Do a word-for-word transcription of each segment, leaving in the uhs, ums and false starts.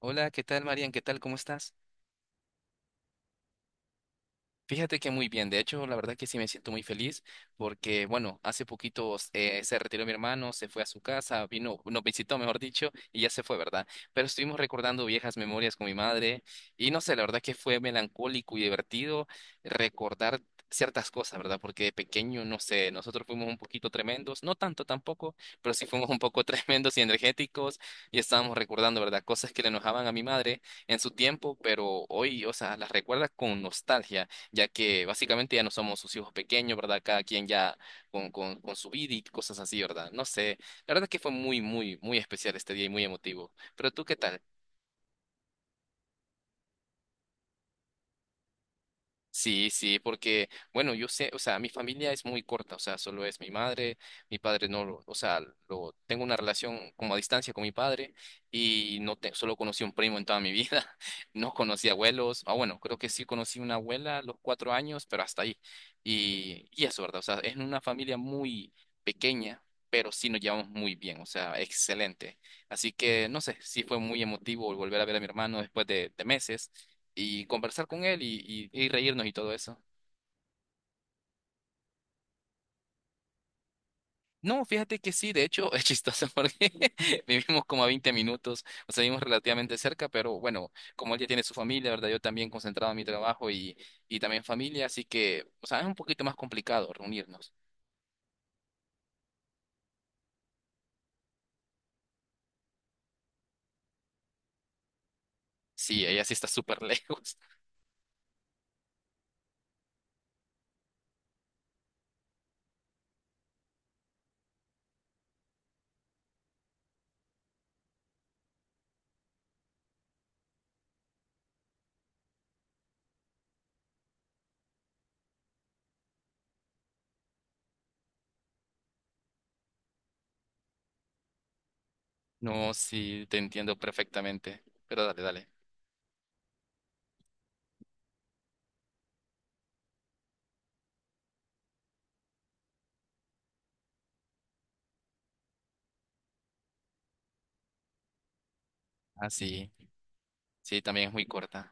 Hola, ¿qué tal, Marian? ¿Qué tal? ¿Cómo estás? Fíjate que muy bien, de hecho, la verdad que sí me siento muy feliz porque, bueno, hace poquito eh, se retiró mi hermano, se fue a su casa, vino, nos visitó, mejor dicho, y ya se fue, ¿verdad? Pero estuvimos recordando viejas memorias con mi madre y no sé, la verdad que fue melancólico y divertido recordar ciertas cosas, ¿verdad? Porque de pequeño, no sé, nosotros fuimos un poquito tremendos, no tanto tampoco, pero sí fuimos un poco tremendos y energéticos y estábamos recordando, ¿verdad? Cosas que le enojaban a mi madre en su tiempo, pero hoy, o sea, las recuerda con nostalgia ya que básicamente ya no somos sus hijos pequeños, ¿verdad? Cada quien ya con, con, con su vida y cosas así, ¿verdad? No sé, la verdad es que fue muy, muy, muy especial este día y muy emotivo. Pero tú, ¿qué tal? Sí, sí, porque, bueno, yo sé, o sea, mi familia es muy corta, o sea, solo es mi madre, mi padre no lo, o sea, lo, tengo una relación como a distancia con mi padre y no te, solo conocí un primo en toda mi vida, no conocí abuelos, ah, bueno, creo que sí conocí una abuela a los cuatro años, pero hasta ahí. Y, y eso, ¿verdad? O sea, es una familia muy pequeña, pero sí nos llevamos muy bien, o sea, excelente. Así que, no sé, sí fue muy emotivo volver a ver a mi hermano después de, de meses y conversar con él y, y, y reírnos y todo eso. No, fíjate que sí, de hecho es chistoso porque vivimos como a veinte minutos, o sea, vivimos relativamente cerca, pero bueno, como él ya tiene su familia, ¿verdad? Yo también concentrado en mi trabajo y, y también familia, así que, o sea, es un poquito más complicado reunirnos. Sí, ella sí está súper lejos. No, sí, te entiendo perfectamente, pero dale, dale. Ah, sí, sí, también es muy corta.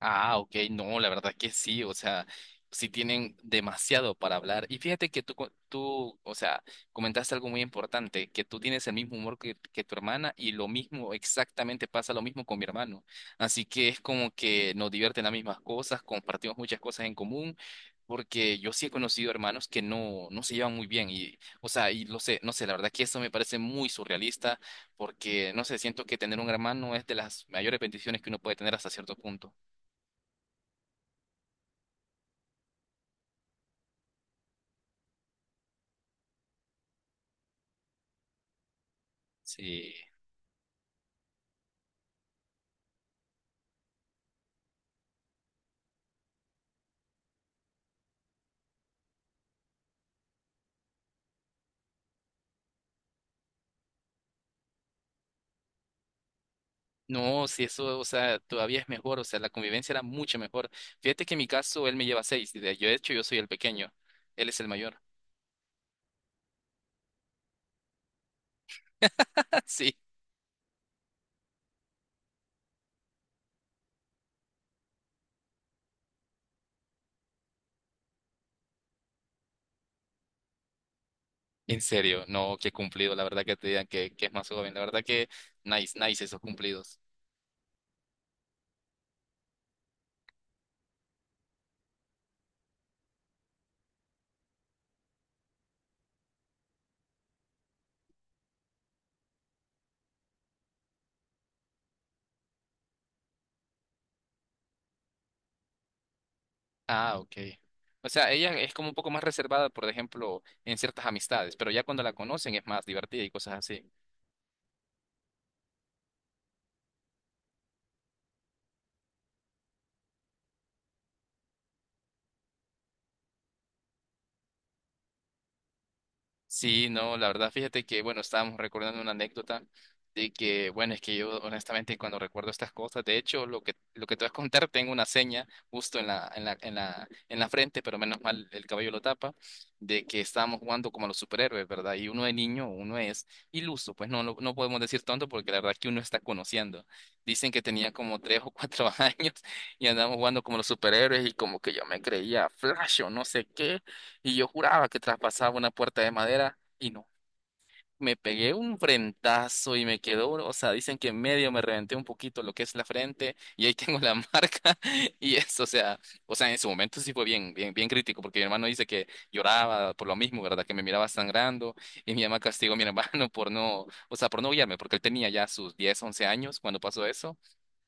Ah, ok, no, la verdad que sí, o sea, sí tienen demasiado para hablar. Y fíjate que tú, co- tú, o sea, comentaste algo muy importante, que tú tienes el mismo humor que, que tu hermana y lo mismo, exactamente pasa lo mismo con mi hermano. Así que es como que nos divierten las mismas cosas, compartimos muchas cosas en común, porque yo sí he conocido hermanos que no, no se llevan muy bien y, o sea, y lo sé, no sé, la verdad que eso me parece muy surrealista, porque, no sé, siento que tener un hermano es de las mayores bendiciones que uno puede tener hasta cierto punto. Sí. No, si eso, o sea, todavía es mejor, o sea, la convivencia era mucho mejor. Fíjate que en mi caso él me lleva seis, y de, yo de hecho yo soy el pequeño, él es el mayor. Sí, en serio, no, qué cumplido, la verdad que te digan que, que es más joven, la verdad que nice, nice esos cumplidos. Ah, ok. O sea, ella es como un poco más reservada, por ejemplo, en ciertas amistades, pero ya cuando la conocen es más divertida y cosas así. Sí, no, la verdad, fíjate que, bueno, estábamos recordando una anécdota de que, bueno, es que yo honestamente cuando recuerdo estas cosas, de hecho, lo que, lo que te voy a contar, tengo una seña justo en la, en la, en la, en la frente, pero menos mal el cabello lo tapa, de que estábamos jugando como los superhéroes, ¿verdad? Y uno de niño, uno es iluso, pues no, lo- no podemos decir tonto porque la verdad que uno está conociendo. Dicen que tenía como tres o cuatro años y andábamos jugando como los superhéroes y como que yo me creía Flash o no sé qué. Y yo juraba que traspasaba una puerta de madera y no. Me pegué un frentazo y me quedó, o sea, dicen que en medio me reventé un poquito lo que es la frente y ahí tengo la marca y eso, o sea, o sea, en su momento sí fue bien, bien, bien crítico porque mi hermano dice que lloraba por lo mismo, ¿verdad? Que me miraba sangrando y mi mamá castigó a mi hermano por no, o sea, por no guiarme porque él tenía ya sus diez once años cuando pasó eso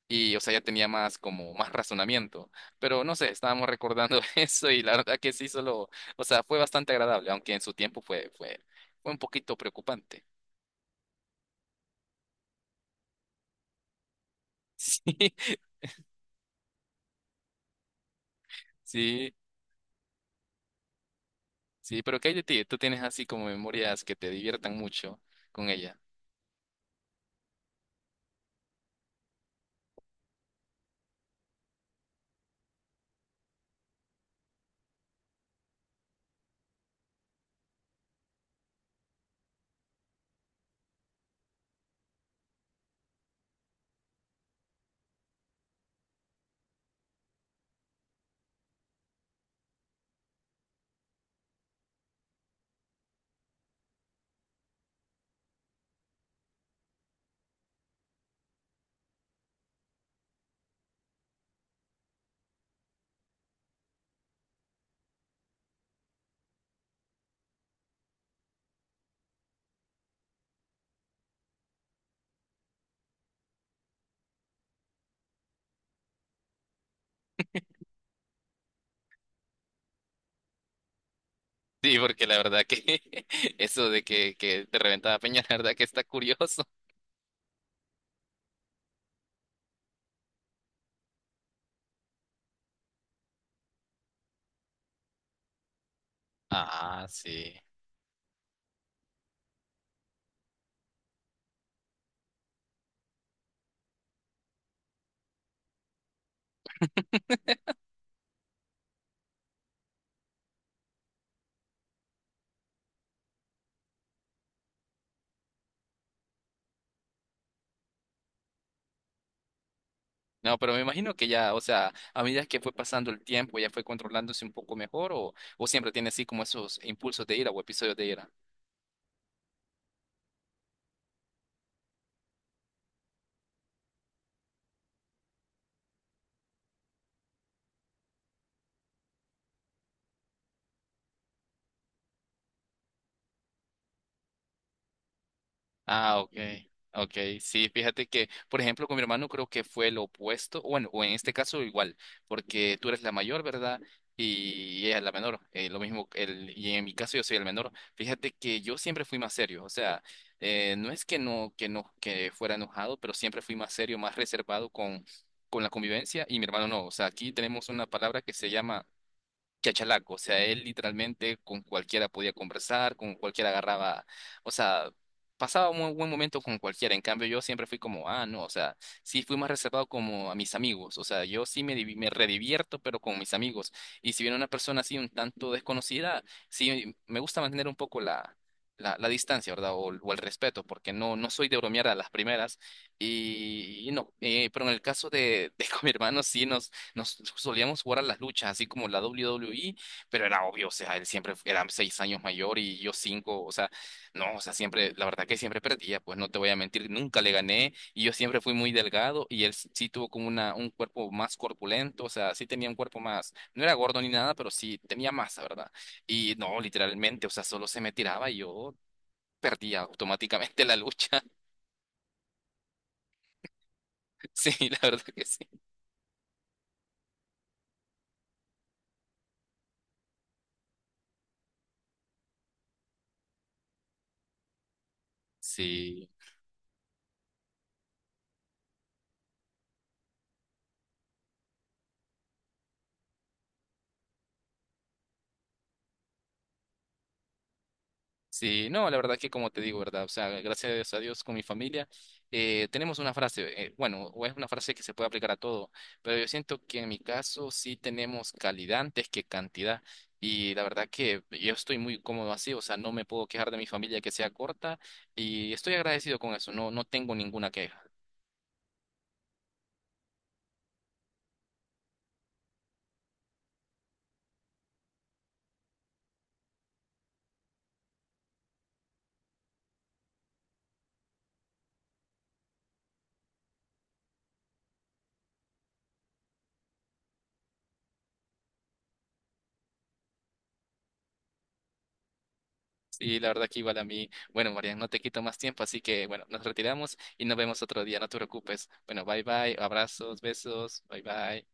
y, o sea, ya tenía más como más razonamiento. Pero no sé, estábamos recordando eso y la verdad que sí, solo, o sea, fue bastante agradable, aunque en su tiempo fue, fue, fue un poquito preocupante. Sí, sí, sí, pero ¿qué hay de ti? ¿Tú tienes así como memorias que te diviertan mucho con ella? Sí, porque la verdad que eso de que, que te reventaba Peña, la verdad que está curioso. Ah, sí. No, pero me imagino que ya, o sea, a medida que fue pasando el tiempo, ya fue controlándose un poco mejor o, o siempre tiene así como esos impulsos de ira o episodios de ira. Ah, ok, ok, sí, fíjate que, por ejemplo, con mi hermano creo que fue lo opuesto, bueno, o en este caso igual, porque tú eres la mayor, ¿verdad? Y ella es la menor, eh, lo mismo, el, y en mi caso yo soy el menor, fíjate que yo siempre fui más serio, o sea, eh, no es que no, que no, que fuera enojado, pero siempre fui más serio, más reservado con, con la convivencia, y mi hermano no, o sea, aquí tenemos una palabra que se llama chachalaco, o sea, él literalmente con cualquiera podía conversar, con cualquiera agarraba, o sea, pasaba un buen buen momento con cualquiera, en cambio yo siempre fui como, ah, no, o sea, sí fui más reservado como a mis amigos, o sea, yo sí me, divi- me redivierto, pero con mis amigos, y si viene una persona así un tanto desconocida, sí me gusta mantener un poco la... La, la distancia, ¿verdad? O, o el respeto, porque no, no soy de bromear a las primeras y, y no, eh, pero en el caso de, de con mi hermano sí nos solíamos jugar a las luchas, así como la W W E, pero era obvio, o sea, él siempre fu- era seis años mayor y yo cinco, o sea, no, o sea, siempre, la verdad que siempre perdía, pues no te voy a mentir, nunca le gané y yo siempre fui muy delgado y él s- sí tuvo como una, un cuerpo más corpulento, o sea, sí tenía un cuerpo más, no era gordo ni nada, pero sí tenía masa, ¿verdad? Y no, literalmente, o sea, solo se me tiraba y yo perdía automáticamente la lucha, sí, la verdad que sí. Sí. Sí, no, la verdad que como te digo, ¿verdad? O sea, gracias a Dios con mi familia, eh, tenemos una frase, eh, bueno, o es una frase que se puede aplicar a todo, pero yo siento que en mi caso sí tenemos calidad antes que cantidad. Y la verdad que yo estoy muy cómodo así, o sea, no me puedo quejar de mi familia que sea corta y estoy agradecido con eso, no, no tengo ninguna queja. Sí, la verdad que igual a mí, bueno, María, no te quito más tiempo, así que bueno, nos retiramos y nos vemos otro día, no te preocupes. Bueno, bye bye, abrazos, besos, bye bye.